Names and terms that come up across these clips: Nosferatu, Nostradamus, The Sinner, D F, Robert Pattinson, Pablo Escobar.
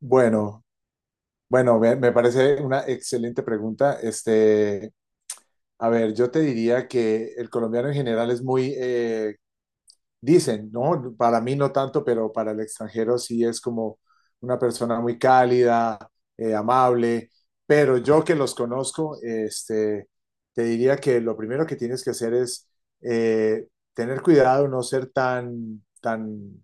Bueno, bueno, me parece una excelente pregunta. A ver, yo te diría que el colombiano en general es muy, dicen, ¿no? Para mí no tanto, pero para el extranjero sí es como una persona muy cálida, amable. Pero yo que los conozco, te diría que lo primero que tienes que hacer es eh, tener cuidado, no ser tan, tan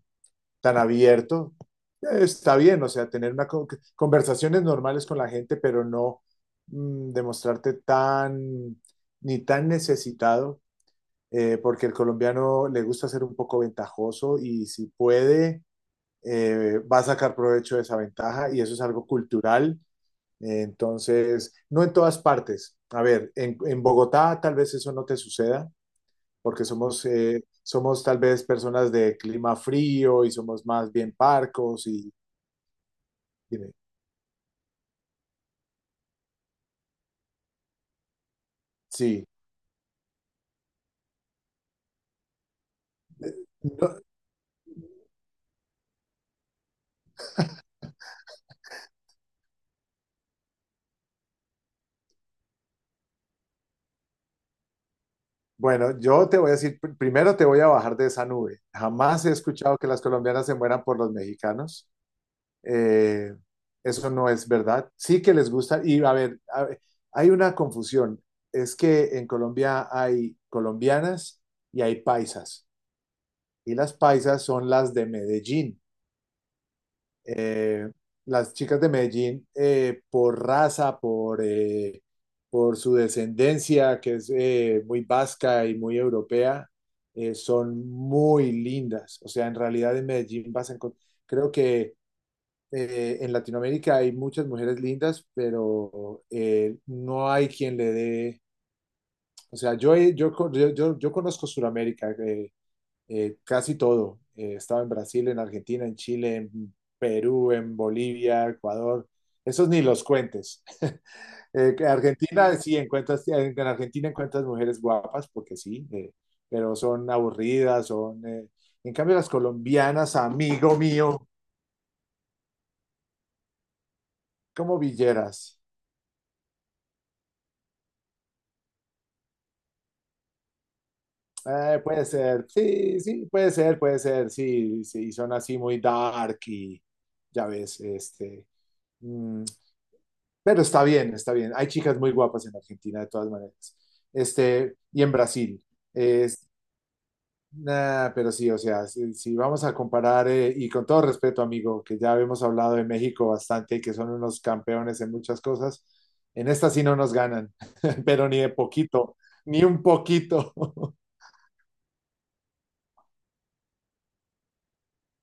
tan abierto, está bien, o sea, tener una conversaciones normales con la gente, pero no demostrarte tan ni tan necesitado, porque el colombiano le gusta ser un poco ventajoso y si puede, va a sacar provecho de esa ventaja y eso es algo cultural. Entonces, no en todas partes. A ver, en Bogotá tal vez eso no te suceda, porque somos tal vez personas de clima frío y somos más bien parcos y dime, sí. No, bueno, yo te voy a decir, primero te voy a bajar de esa nube. Jamás he escuchado que las colombianas se mueran por los mexicanos. Eh, eso no es verdad. Sí que les gusta. Y a ver, hay una confusión. Es que en Colombia hay colombianas y hay paisas. Y las paisas son las de Medellín eh, las chicas de Medellín, por raza, por su descendencia, que es muy vasca y muy europea, son muy lindas. O sea, en realidad en Medellín vas a encontrar, creo que en Latinoamérica hay muchas mujeres lindas, pero no hay quien le dé. O sea, yo conozco Sudamérica. Casi todo. Estaba en Brasil, en Argentina, en Chile, en Perú, en Bolivia, Ecuador. Esos ni los cuentes. Que Argentina, sí, encuentras, en Argentina encuentras mujeres guapas, porque sí, pero son aburridas, en cambio, las colombianas, amigo mío, como villeras. Puede ser, sí, sí, puede ser, sí, sí, son así muy dark y, ya ves, mm, pero está bien, está bien. Hay chicas muy guapas en Argentina, de todas maneras. Y en Brasil. Es, nah, pero sí, o sea, si vamos a comparar, y con todo respeto, amigo, que ya hemos hablado de México bastante y que son unos campeones en muchas cosas, en esta sí no nos ganan, pero ni de poquito, ni un poquito.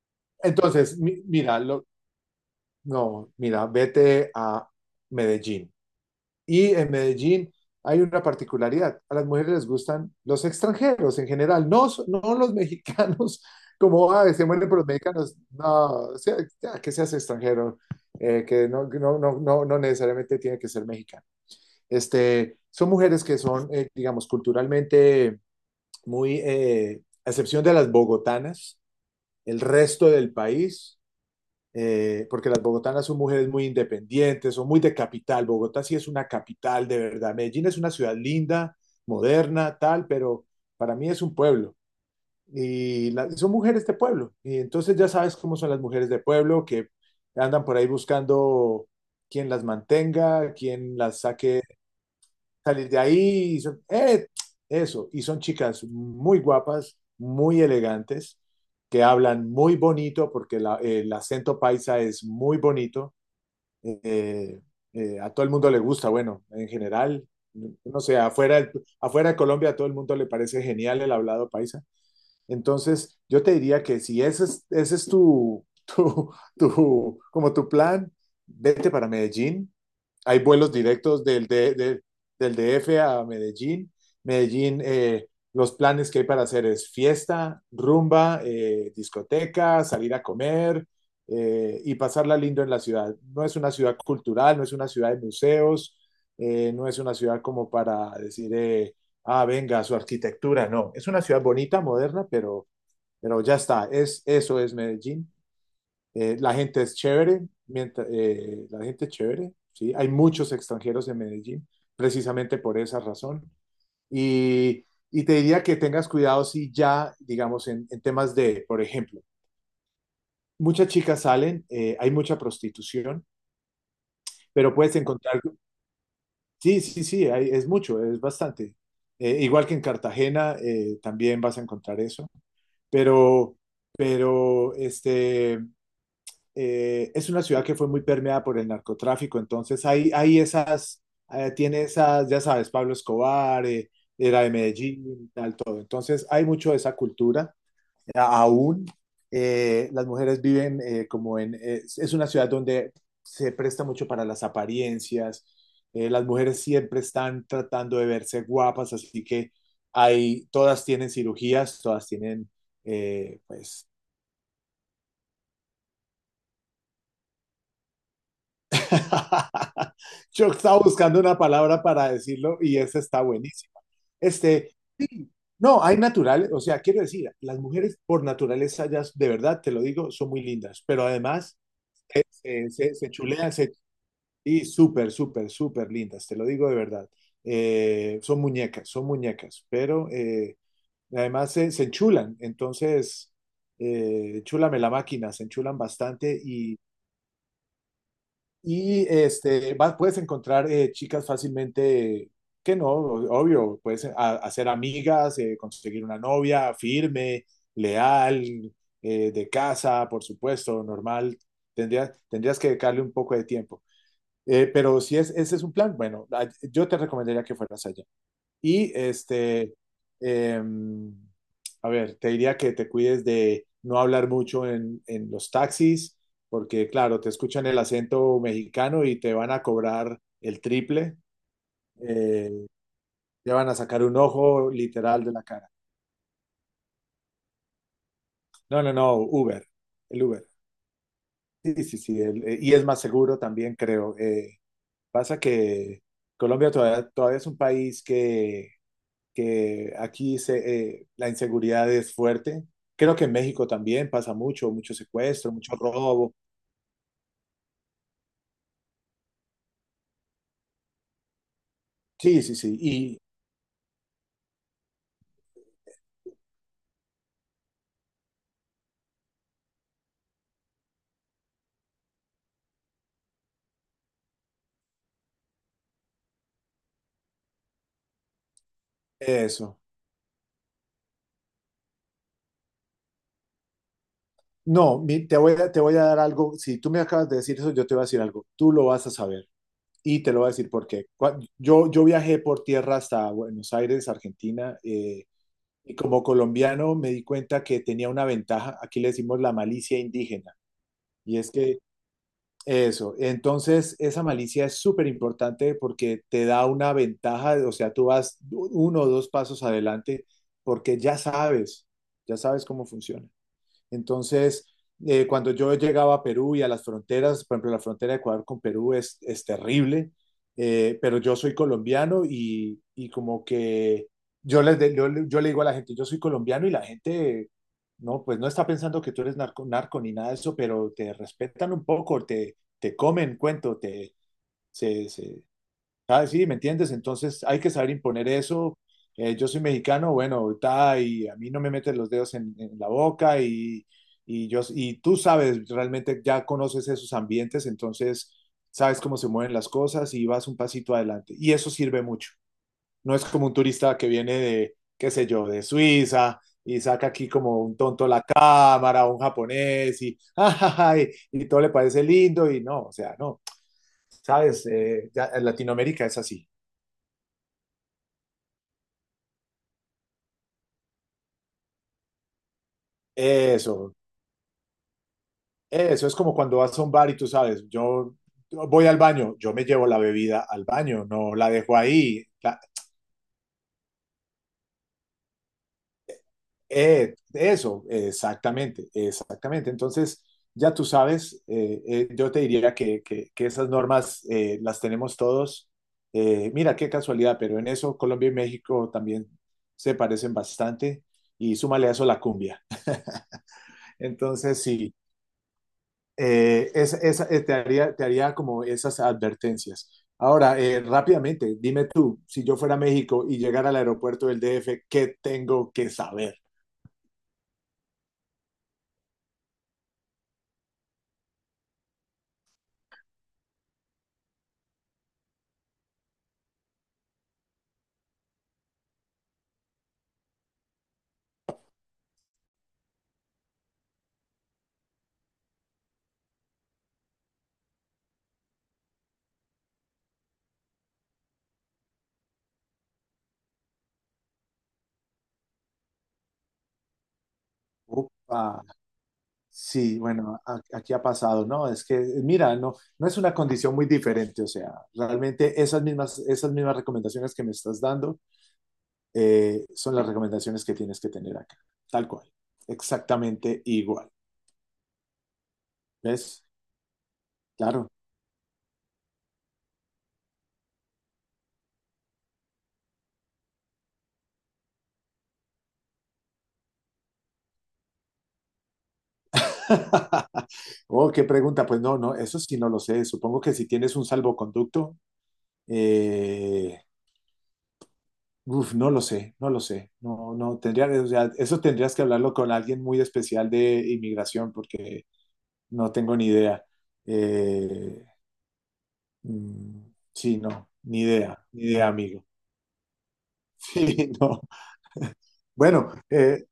Entonces, mira, no, mira, vete a Medellín. Y en Medellín hay una particularidad. A las mujeres les gustan los extranjeros en general, no, no los mexicanos, como se mueren por los mexicanos. No, sea, ya, que seas extranjero, que no necesariamente tiene que ser mexicano. Son mujeres que son, digamos, culturalmente muy, a excepción de las bogotanas, el resto del país porque las bogotanas son mujeres muy independientes, son muy de capital. Bogotá sí es una capital de verdad. Medellín es una ciudad linda, moderna, tal, pero para mí es un pueblo. Y son mujeres de pueblo. Y entonces ya sabes cómo son las mujeres de pueblo, que andan por ahí buscando quien las mantenga, quien las saque, salir de ahí. Y son chicas muy guapas, muy elegantes, que hablan muy bonito, porque el acento paisa es muy bonito. Eh, a todo el mundo le gusta, bueno, en general, no sé, afuera, de Colombia a todo el mundo le parece genial el hablado paisa. Entonces, yo te diría que si ese es tu, como tu plan, vete para Medellín. Hay vuelos directos del D F a Medellín. Medellín, los planes que hay para hacer es fiesta, rumba, discoteca, salir a comer y pasarla lindo en la ciudad. No es una ciudad cultural, no es una ciudad de museos, no es una ciudad como para decir, venga, su arquitectura, no. Es una ciudad bonita, moderna, pero ya está. Eso es Medellín. La gente es chévere, mientras, la gente es chévere, ¿sí? Hay muchos extranjeros en Medellín, precisamente por esa razón. Y te diría que tengas cuidado si ya, digamos, en temas de, por ejemplo, muchas chicas salen, hay mucha prostitución, pero puedes encontrar, sí, sí, sí, es mucho, es bastante. Igual que en Cartagena, también vas a encontrar eso, pero, pero es una ciudad que fue muy permeada por el narcotráfico, entonces hay esas, tiene esas, ya sabes, Pablo Escobar, era de Medellín, entonces hay mucho de esa cultura aún. Las mujeres viven, como es una ciudad donde se presta mucho para las apariencias. Las mujeres siempre están tratando de verse guapas, así que todas tienen cirugías, eh, pues, Yo estaba buscando una palabra para decirlo y esa está buenísima. Sí, no, hay naturales, o sea, quiero decir, las mujeres por naturaleza, ya de verdad, te lo digo, son muy lindas, pero además se chulean, y súper, súper, súper lindas, te lo digo de verdad. Son muñecas, son muñecas, pero además se enchulan, entonces, chúlame la máquina, se enchulan bastante y este, puedes encontrar chicas fácilmente, que no, obvio, puedes hacer amigas, conseguir una novia firme, leal, de casa, por supuesto, normal. Tendrías que dedicarle un poco de tiempo. Pero si es, ese es un plan, bueno, yo te recomendaría que fueras allá. Y eh, a ver, te diría que te cuides de no hablar mucho en los taxis, porque claro, te escuchan el acento mexicano y te van a cobrar el triple, eh, te van a sacar un ojo literal de la cara. No, no, no, Uber, el Uber. Sí, sí, sí, y es más seguro también, creo. Pasa que Colombia todavía es un país que la inseguridad es fuerte. Creo que en México también pasa mucho, mucho secuestro, mucho robo. Sí, sí, sí. Y eso. No, te voy a, dar algo. Si tú me acabas de decir eso, yo te voy a decir algo. Tú lo vas a saber y te lo voy a decir por qué. Yo viajé por tierra hasta Buenos Aires, Argentina, y como colombiano me di cuenta que tenía una ventaja. Aquí le decimos la malicia indígena. Y es que Eso, entonces esa malicia es súper importante porque te da una ventaja, o sea, tú vas uno o dos pasos adelante porque ya sabes cómo funciona. Entonces, cuando yo llegaba a Perú y a las fronteras, por ejemplo, la frontera de Ecuador con Perú es terrible, pero yo soy colombiano y, como que yo, les de- yo le digo a la gente, yo soy colombiano y la gente, no, pues no está pensando que tú eres narco ni nada de eso, pero te respetan un poco, te comen cuento, se, se, ah, sí, ¿me entiendes? Entonces hay que saber imponer eso. Yo soy mexicano, bueno, y a mí no me meten los dedos en la boca y tú sabes, realmente ya conoces esos ambientes, entonces sabes cómo se mueven las cosas y vas un pasito adelante. Y eso sirve mucho. No es como un turista que viene de, qué sé yo, de Suiza y saca aquí como un tonto la cámara, un japonés y, y todo le parece lindo y no, o sea, no, sabes, ya en Latinoamérica es así. Eso, eso es como cuando vas a un bar y tú sabes, yo voy al baño, yo me llevo la bebida al baño, no la dejo ahí. Eso, exactamente, exactamente. Entonces, ya tú sabes, yo te diría que esas normas las tenemos todos. Mira, qué casualidad, pero en eso Colombia y México también se parecen bastante y súmale a eso la cumbia. Entonces, sí. Te haría como esas advertencias. Ahora, rápidamente, dime tú, si yo fuera a México y llegara al aeropuerto del DF, ¿qué tengo que saber? Upa, sí, bueno, aquí ha pasado, ¿no? Es que, mira, no, no es una condición muy diferente, o sea, realmente esas mismas recomendaciones que me estás dando son las recomendaciones que tienes que tener acá, tal cual, exactamente igual, ¿ves? Claro. Oh, qué pregunta. Pues no, no, eso sí no lo sé. Supongo que si tienes un salvoconducto, eh, no lo sé, no lo sé. No, no, tendría, o sea, eso tendrías que hablarlo con alguien muy especial de inmigración porque no tengo ni idea. Eh, mm, sí, no, ni idea, ni idea, amigo. Sí, no. Bueno,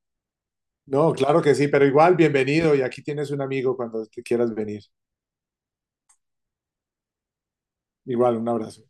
no, claro que sí, pero igual, bienvenido y aquí tienes un amigo cuando te quieras venir. Igual, un abrazo.